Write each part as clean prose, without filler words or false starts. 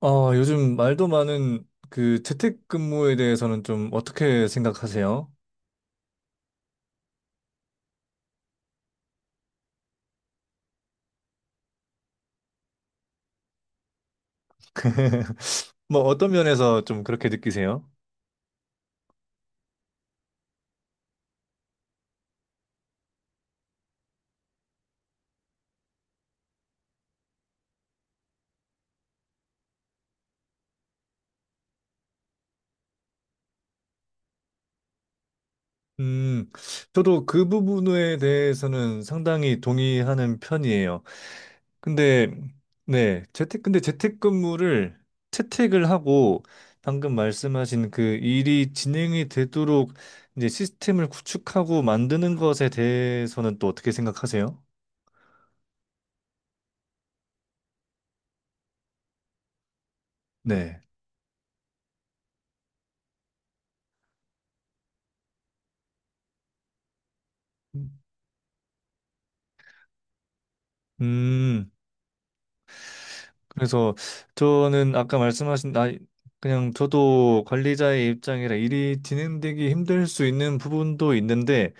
아, 요즘 말도 많은 그 재택근무에 대해서는 좀 어떻게 생각하세요? 뭐 어떤 면에서 좀 그렇게 느끼세요? 음, 저도 그 부분에 대해서는 상당히 동의하는 편이에요. 근데, 네, 근데 재택근무를 채택을 하고 방금 말씀하신 그 일이 진행이 되도록 이제 시스템을 구축하고 만드는 것에 대해서는 또 어떻게 생각하세요? 네. 음. 그래서 저는 아까 말씀하신 나 그냥 저도 관리자의 입장이라 일이 진행되기 힘들 수 있는 부분도 있는데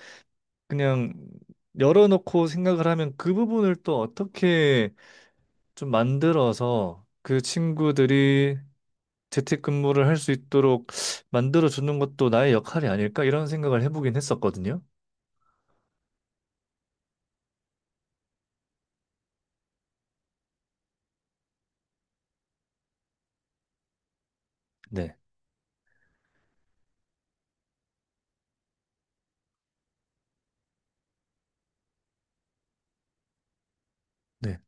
그냥 열어놓고 생각을 하면 그 부분을 또 어떻게 좀 만들어서 그 친구들이 재택근무를 할 수 있도록 만들어 주는 것도 나의 역할이 아닐까 이런 생각을 해보긴 했었거든요. 네. 네.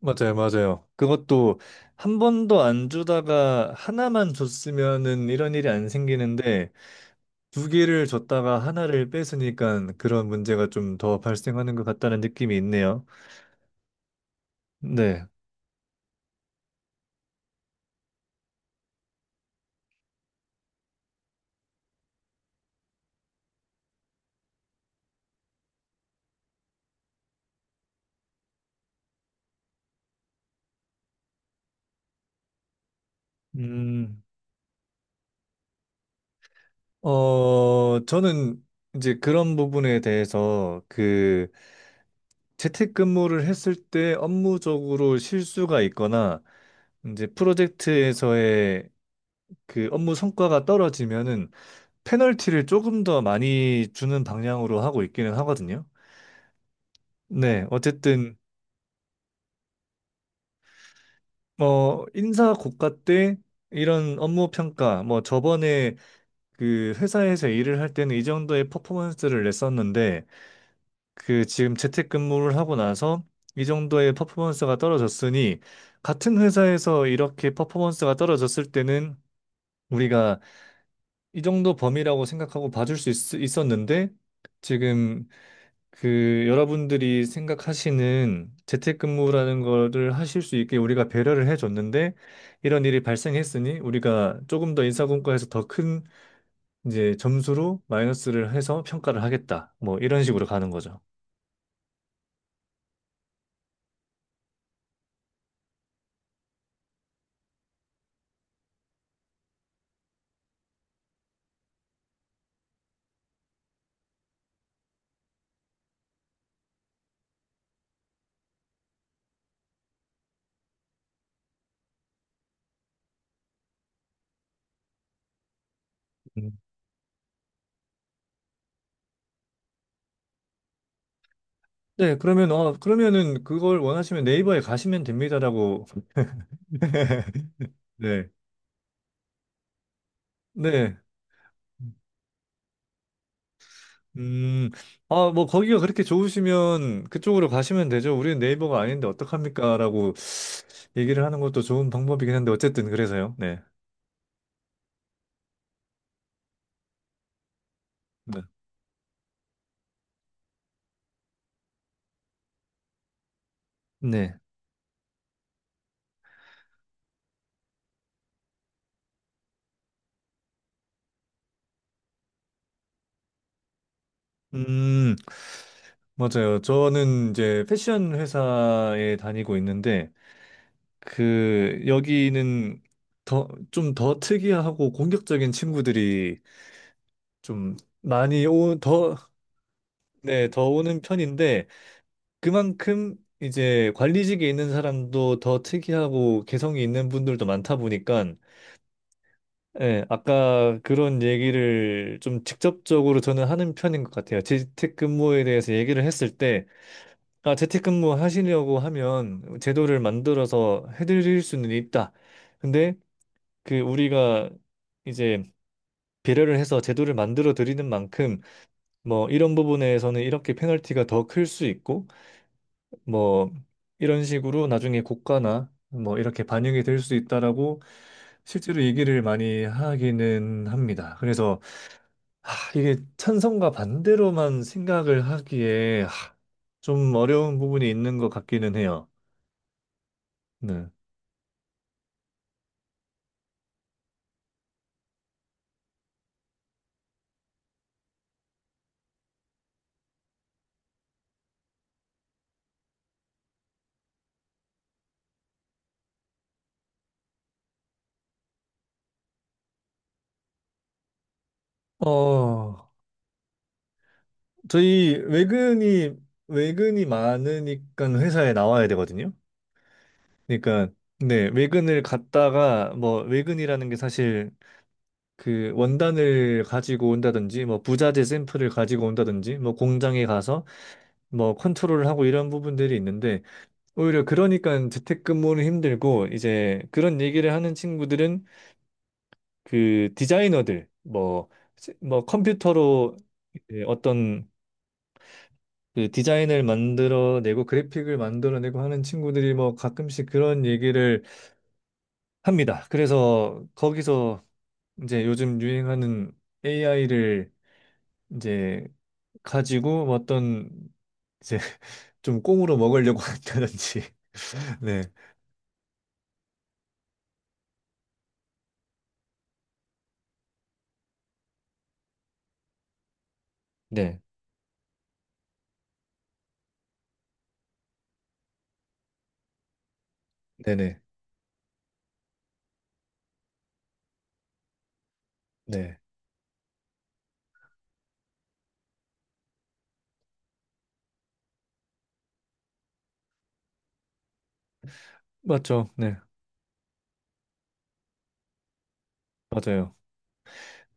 맞아요, 맞아요. 그것도 한 번도 안 주다가 하나만 줬으면은 이런 일이 안 생기는데 두 개를 줬다가 하나를 뺏으니까 그런 문제가 좀 더 발생하는 것 같다는 느낌이 있네요. 네. 음, 저는 이제 그런 부분에 대해서 그 재택근무를 했을 때 업무적으로 실수가 있거나 이제 프로젝트에서의 그 업무 성과가 떨어지면은 페널티를 조금 더 많이 주는 방향으로 하고 있기는 하거든요. 네, 어쨌든 뭐 인사 고과 때 이런 업무 평가 뭐 저번에 그 회사에서 일을 할 때는 이 정도의 퍼포먼스를 냈었는데 그 지금 재택근무를 하고 나서 이 정도의 퍼포먼스가 떨어졌으니 같은 회사에서 이렇게 퍼포먼스가 떨어졌을 때는 우리가 이 정도 범위라고 생각하고 봐줄 수 있었는데 지금 그 여러분들이 생각하시는 재택근무라는 거를 하실 수 있게 우리가 배려를 해줬는데 이런 일이 발생했으니 우리가 조금 더 인사공과에서 더 큰 이제 점수로 마이너스를 해서 평가를 하겠다. 뭐 이런 식으로 가는 거죠. 음. 네, 그러면 어 그러면은 그걸 원하시면 네이버에 가시면 됩니다라고. 네. 네. 음. 아, 뭐 거기가 그렇게 좋으시면 그쪽으로 가시면 되죠. 우리는 네이버가 아닌데 어떡합니까라고 얘기를 하는 것도 좋은 방법이긴 한데 어쨌든 그래서요. 네. 네. 네. 음, 맞아요. 저는 이제 패션 회사에 다니고 있는데 그 여기는 더 좀 더 특이하고 공격적인 친구들이 좀 많이 네, 더 오는 편인데 그만큼 이제 관리직에 있는 사람도 더 특이하고 개성이 있는 분들도 많다 보니까 예, 아까 그런 얘기를 좀 직접적으로 저는 하는 편인 것 같아요. 재택근무에 대해서 얘기를 했을 때, 아, 재택근무 하시려고 하면 제도를 만들어서 해드릴 수는 있다. 근데 그 우리가 이제 배려를 해서 제도를 만들어 드리는 만큼 뭐 이런 부분에서는 이렇게 페널티가 더 클 수 있고 뭐 이런 식으로 나중에 고가나 뭐 이렇게 반영이 될 수 있다라고 실제로 얘기를 많이 하기는 합니다. 그래서 아, 이게 찬성과 반대로만 생각을 하기에 아, 좀 어려운 부분이 있는 것 같기는 해요. 네. 어, 저희 외근이 많으니까 회사에 나와야 되거든요. 그러니까 네, 외근을 갔다가 뭐 외근이라는 게 사실 그 원단을 가지고 온다든지 뭐 부자재 샘플을 가지고 온다든지 뭐 공장에 가서 뭐 컨트롤을 하고 이런 부분들이 있는데 오히려 그러니까 재택근무는 힘들고 이제 그런 얘기를 하는 친구들은 그 디자이너들 뭐, 뭐 컴퓨터로 이제 어떤 그 디자인을 만들어내고 그래픽을 만들어내고 하는 친구들이 뭐 가끔씩 그런 얘기를 합니다. 그래서 거기서 이제 요즘 유행하는 AI를 이제 가지고 어떤 이제 좀 꽁으로 먹으려고 한다든지 네. 네. 네네. 네. 맞죠. 네. 맞아요.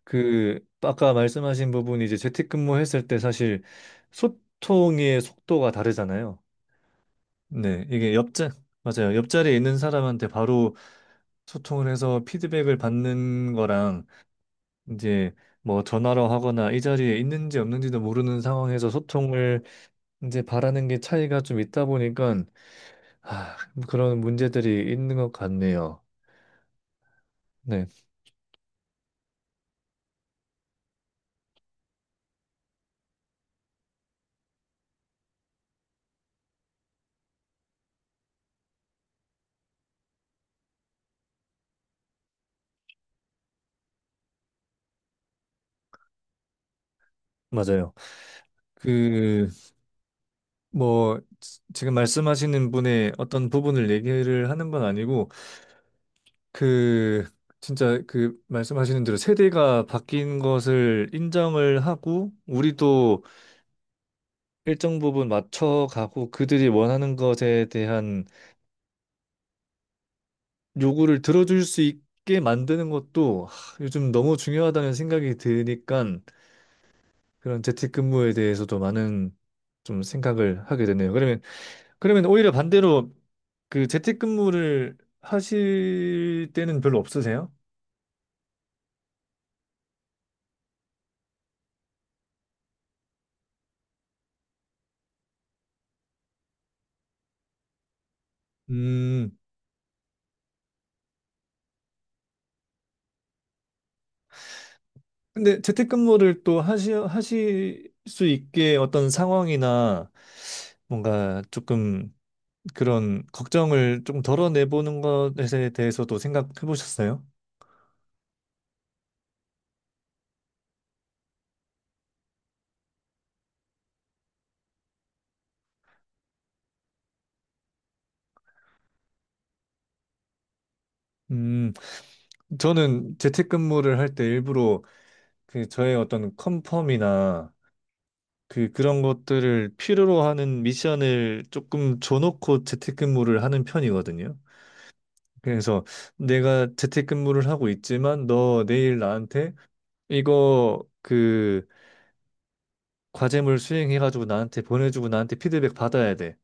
그 아까 말씀하신 부분이 이제 재택근무했을 때 사실 소통의 속도가 다르잖아요. 네, 이게 옆자 맞아요. 옆자리에 있는 사람한테 바로 소통을 해서 피드백을 받는 거랑 이제 뭐 전화로 하거나 이 자리에 있는지 없는지도 모르는 상황에서 소통을 이제 바라는 게 차이가 좀 있다 보니까 아, 그런 문제들이 있는 것 같네요. 네, 맞아요. 그 뭐 지- 금 말씀하시는 분의 어떤 부분을 얘기를 하는 건 아니고 그 진짜 그 말씀하시는 대로 세대가 바뀐 것을 인정을 하고 우리도 일정 부분 맞춰가고 그들이 원하는 것에 대한 요구를 들어줄 수 있게 만드는 것도 하, 요즘 너무 중요하다는 생각이 드니까 그런 재택근무에 대해서도 많은 좀 생각을 하게 되네요. 그러면 그러면 오히려 반대로 그 재택근무를 하실 때는 별로 없으세요? 음, 근데 재택근무를 또 하실 수 있게 어떤 상황이나 뭔가 조금 그런 걱정을 좀 덜어내보는 것에 대해서도 생각해 보셨어요? 음, 저는 재택근무를 할 때 일부러 그 저의 어떤 컨펌이나 그 그런 것들을 필요로 하는 미션을 조금 줘놓고 재택근무를 하는 편이거든요. 그래서 내가 재택근무를 하고 있지만 너 내일 나한테 이거 그 과제물 수행해가지고 나한테 보내주고 나한테 피드백 받아야 돼.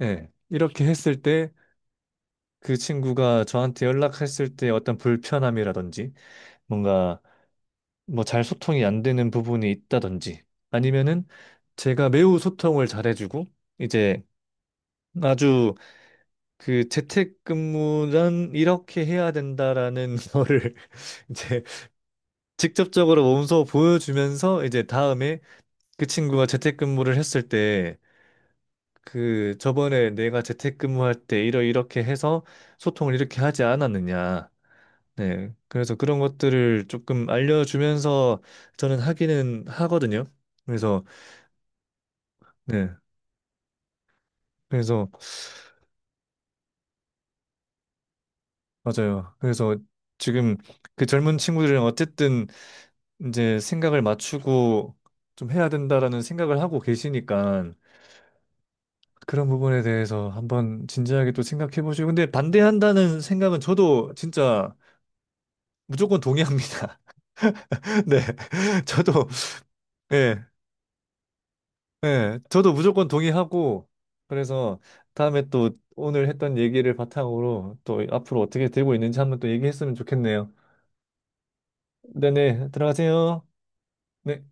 예. 이렇게 했을 때 그 친구가 저한테 연락했을 때 어떤 불편함이라든지 뭔가 뭐 잘 소통이 안 되는 부분이 있다든지 아니면은 제가 매우 소통을 잘해주고 이제 아주 그 재택근무는 이렇게 해야 된다라는 거를 이제 직접적으로 몸소 보여주면서 이제 다음에 그 친구가 재택근무를 했을 때 그 저번에 내가 재택근무할 때 이러 이렇게 해서 소통을 이렇게 하지 않았느냐. 네. 그래서 그런 것들을 조금 알려주면서 저는 하기는 하거든요. 그래서 네. 그래서 맞아요. 그래서 지금 그 젊은 친구들은 어쨌든 이제 생각을 맞추고 좀 해야 된다라는 생각을 하고 계시니까 그런 부분에 대해서 한번 진지하게 또 생각해 보시고 근데 반대한다는 생각은 저도 진짜 무조건 동의합니다. 네. 저도 예. 예. 저도 무조건 동의하고 그래서 다음에 또 오늘 했던 얘기를 바탕으로 또 앞으로 어떻게 되고 있는지 한번 또 얘기했으면 좋겠네요. 네네. 들어가세요. 네.